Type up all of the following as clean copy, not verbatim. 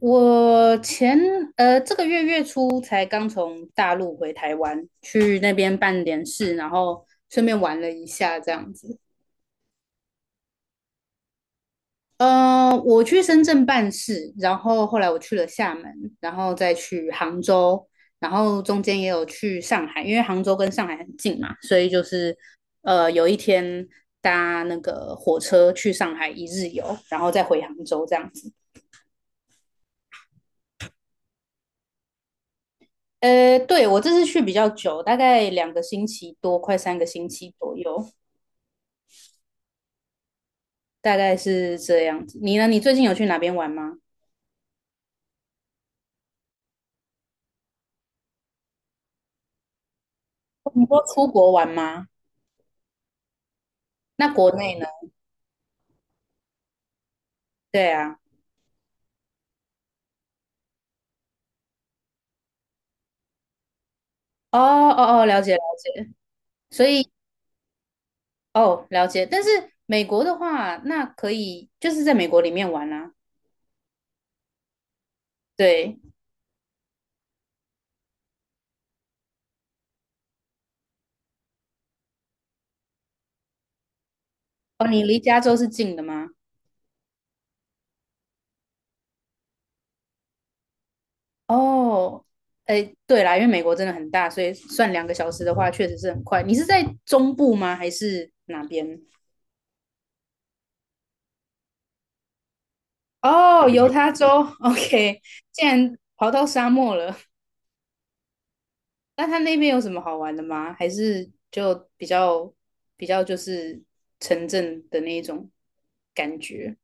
我前这个月月初才刚从大陆回台湾，去那边办点事，然后顺便玩了一下这样子。我去深圳办事，然后后来我去了厦门，然后再去杭州，然后中间也有去上海，因为杭州跟上海很近嘛，所以就是,有一天搭那个火车去上海一日游，然后再回杭州这样子。对，我这次去比较久，大概两个星期多，快三个星期左右，大概是这样子。你呢？你最近有去哪边玩吗？你说出国玩吗？那国内呢？对啊。哦哦哦，了解了解。所以哦，了解。但是美国的话，那可以就是在美国里面玩啦。对。哦，你离加州是近的吗？哦，哎，对啦，因为美国真的很大，所以算两个小时的话，确实是很快。你是在中部吗？还是哪边？哦，犹他州，OK，竟然跑到沙漠了。那他那边有什么好玩的吗？还是就比较就是城镇的那一种感觉？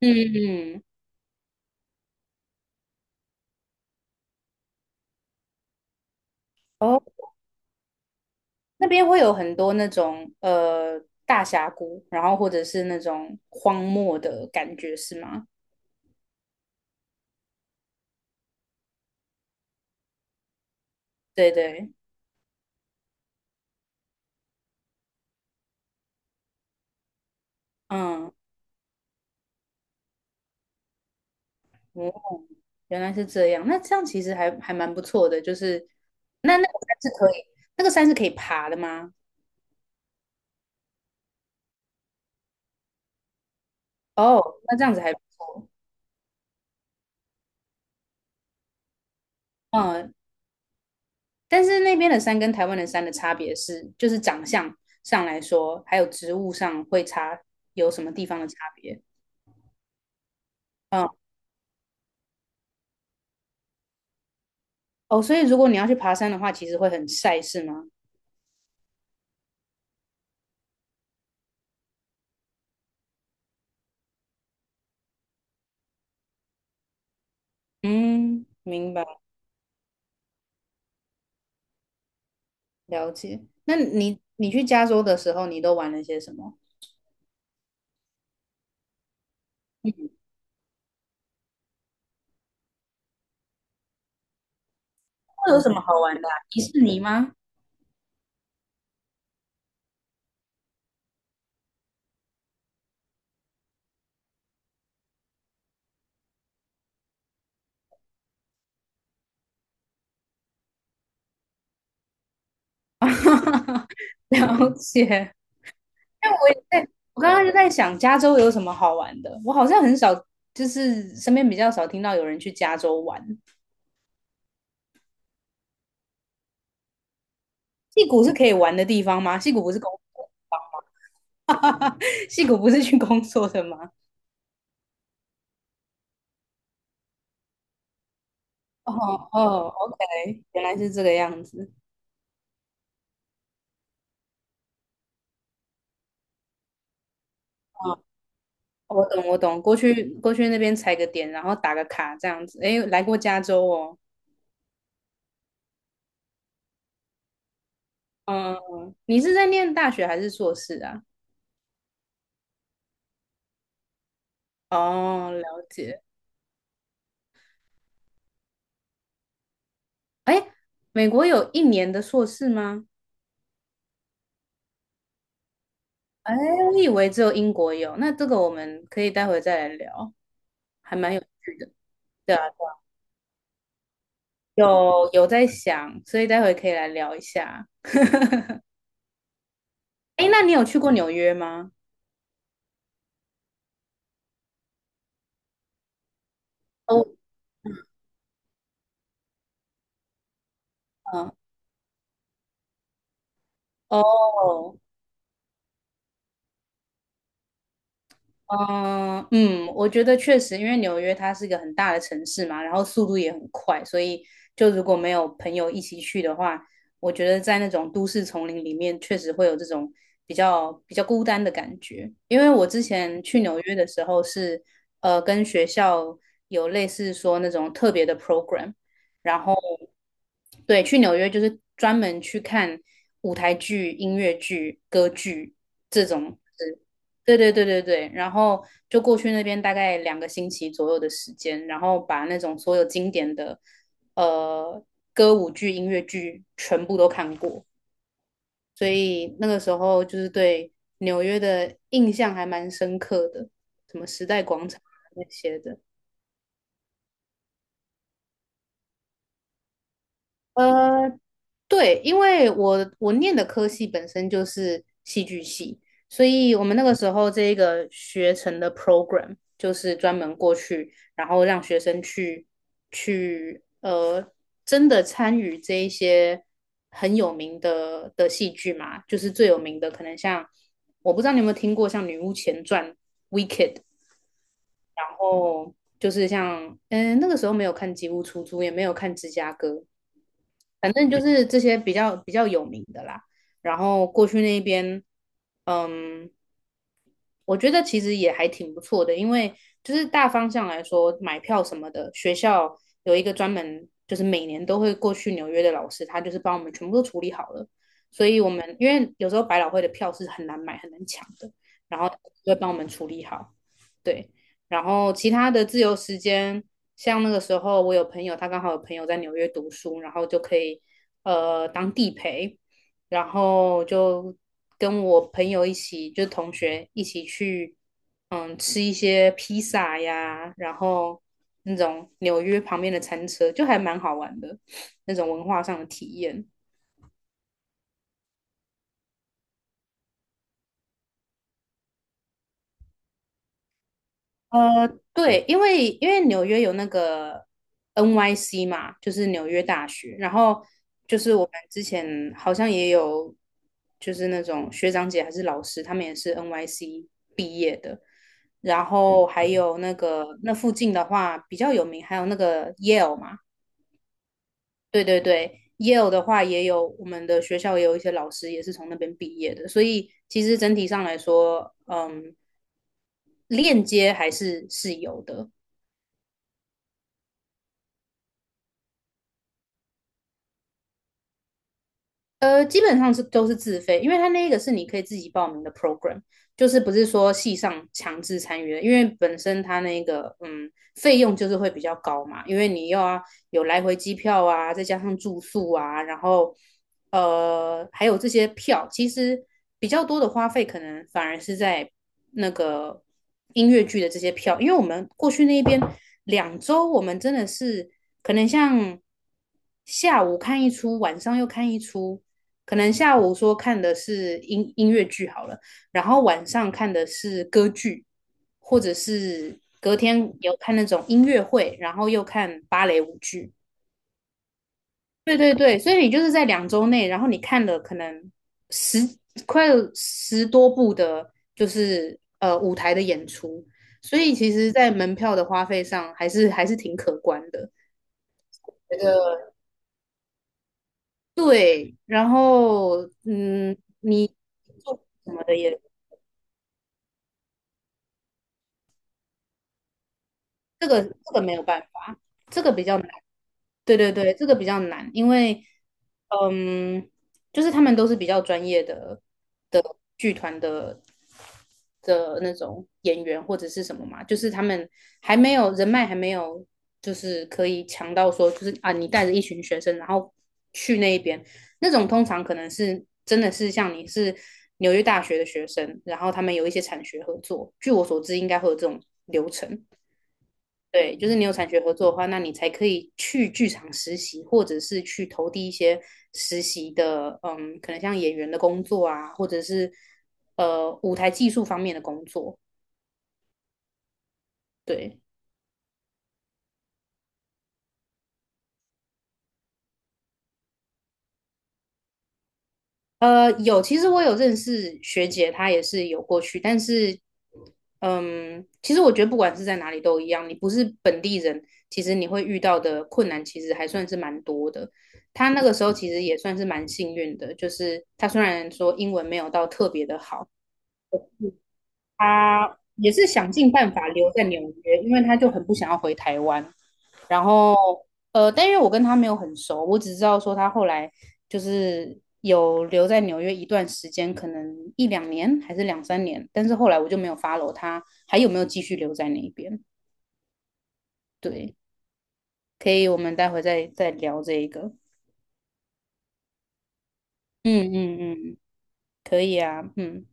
嗯嗯。哦，那边会有很多那种大峡谷，然后或者是那种荒漠的感觉，是吗？对对。嗯。哦，原来是这样。那这样其实还蛮不错的，就是那那个山是可以，那个山是可以爬的吗？哦，那这样子还不错。嗯，但是那边的山跟台湾的山的差别是，就是长相上来说，还有植物上会差，有什么地方的差别？嗯。哦，所以如果你要去爬山的话，其实会很晒，是吗？嗯，明白，了解。那你去加州的时候，你都玩了些什么？嗯，会有什么好玩的啊，迪士尼吗？了解。因为我也在，我刚刚就在想加州有什么好玩的。我好像很少，就是身边比较少听到有人去加州玩。戏谷是可以玩的地方吗？戏谷不是工作的地方吗？戏谷不是去工作的吗？哦哦，OK，原来是这个样子。哦，我懂我懂，过去过去那边踩个点，然后打个卡这样子。诶，来过加州哦。嗯，你是在念大学还是硕士啊？哦，了解。诶，美国有一年的硕士吗？哎，我以为只有英国有，那这个我们可以待会再来聊，还蛮有趣的。对啊，有在想，所以待会可以来聊一下。哎，那你有去过纽约吗？哦。嗯。哦。嗯嗯，我觉得确实，因为纽约它是一个很大的城市嘛，然后速度也很快，所以就如果没有朋友一起去的话，我觉得在那种都市丛林里面，确实会有这种比较孤单的感觉。因为我之前去纽约的时候是，跟学校有类似说那种特别的 program，然后对，去纽约就是专门去看舞台剧、音乐剧、歌剧这种。对对对对对，然后就过去那边大概两个星期左右的时间，然后把那种所有经典的呃歌舞剧、音乐剧全部都看过，所以那个时候就是对纽约的印象还蛮深刻的，什么时代广场那些的。呃，对，因为我念的科系本身就是戏剧系，所以我们那个时候这个学程的 program 就是专门过去，然后让学生去真的参与这一些很有名的的戏剧嘛，就是最有名的可能像，我不知道你有没有听过像《女巫前传》《Wicked》，然后就是像嗯那个时候没有看《吉屋出租》，也没有看《芝加哥》，反正就是这些比较有名的啦。然后过去那边，嗯，我觉得其实也还挺不错的，因为就是大方向来说，买票什么的，学校有一个专门就是每年都会过去纽约的老师，他就是帮我们全部都处理好了。所以我们因为有时候百老汇的票是很难买、很难抢的，然后就会帮我们处理好。对，然后其他的自由时间，像那个时候我有朋友，他刚好有朋友在纽约读书，然后就可以当地陪，然后就跟我朋友一起，就同学一起去，嗯，吃一些披萨呀，然后那种纽约旁边的餐车，就还蛮好玩的那种文化上的体验。对，因为纽约有那个 NYC 嘛，就是纽约大学，然后就是我们之前好像也有，就是那种学长姐还是老师，他们也是 NYC 毕业的，然后还有那个那附近的话比较有名，还有那个 Yale 嘛，对对对，Yale 的话也有，我们的学校也有一些老师也是从那边毕业的，所以其实整体上来说，嗯，链接还是是有的。基本上都是自费，因为它那个是你可以自己报名的 program，就是不是说系上强制参与的，因为本身它那个费用就是会比较高嘛，因为你又要有来回机票啊，再加上住宿啊，然后还有这些票，其实比较多的花费可能反而是在那个音乐剧的这些票，因为我们过去那边两周，我们真的是可能像下午看一出，晚上又看一出。可能下午说看的是音乐剧好了，然后晚上看的是歌剧，或者是隔天有看那种音乐会，然后又看芭蕾舞剧。对对对，所以你就是在两周内，然后你看了可能十快有十多部的，就是舞台的演出，所以其实，在门票的花费上还是挺可观的。觉得对，然后嗯，你做什么的也这个没有办法，这个比较难。对对对，这个比较难，因为嗯，就是他们都是比较专业的的剧团的那种演员或者是什么嘛，就是他们还没有人脉，还没有就是可以强到说，就是啊，你带着一群学生，然后去那一边，那种通常可能是真的是像你是纽约大学的学生，然后他们有一些产学合作，据我所知应该会有这种流程，对，就是你有产学合作的话，那你才可以去剧场实习，或者是去投递一些实习的，嗯，可能像演员的工作啊，或者是舞台技术方面的工作。对，有，其实我有认识学姐，她也是有过去，但是，嗯，其实我觉得不管是在哪里都一样，你不是本地人，其实你会遇到的困难其实还算是蛮多的。她那个时候其实也算是蛮幸运的，就是她虽然说英文没有到特别的好。他也是想尽办法留在纽约，因为他就很不想要回台湾。然后，但因为我跟他没有很熟，我只知道说他后来就是有留在纽约一段时间，可能一两年还是两三年，但是后来我就没有 follow 他还有没有继续留在那边。对，可以，我们待会再聊这一个。嗯嗯嗯，可以啊，嗯。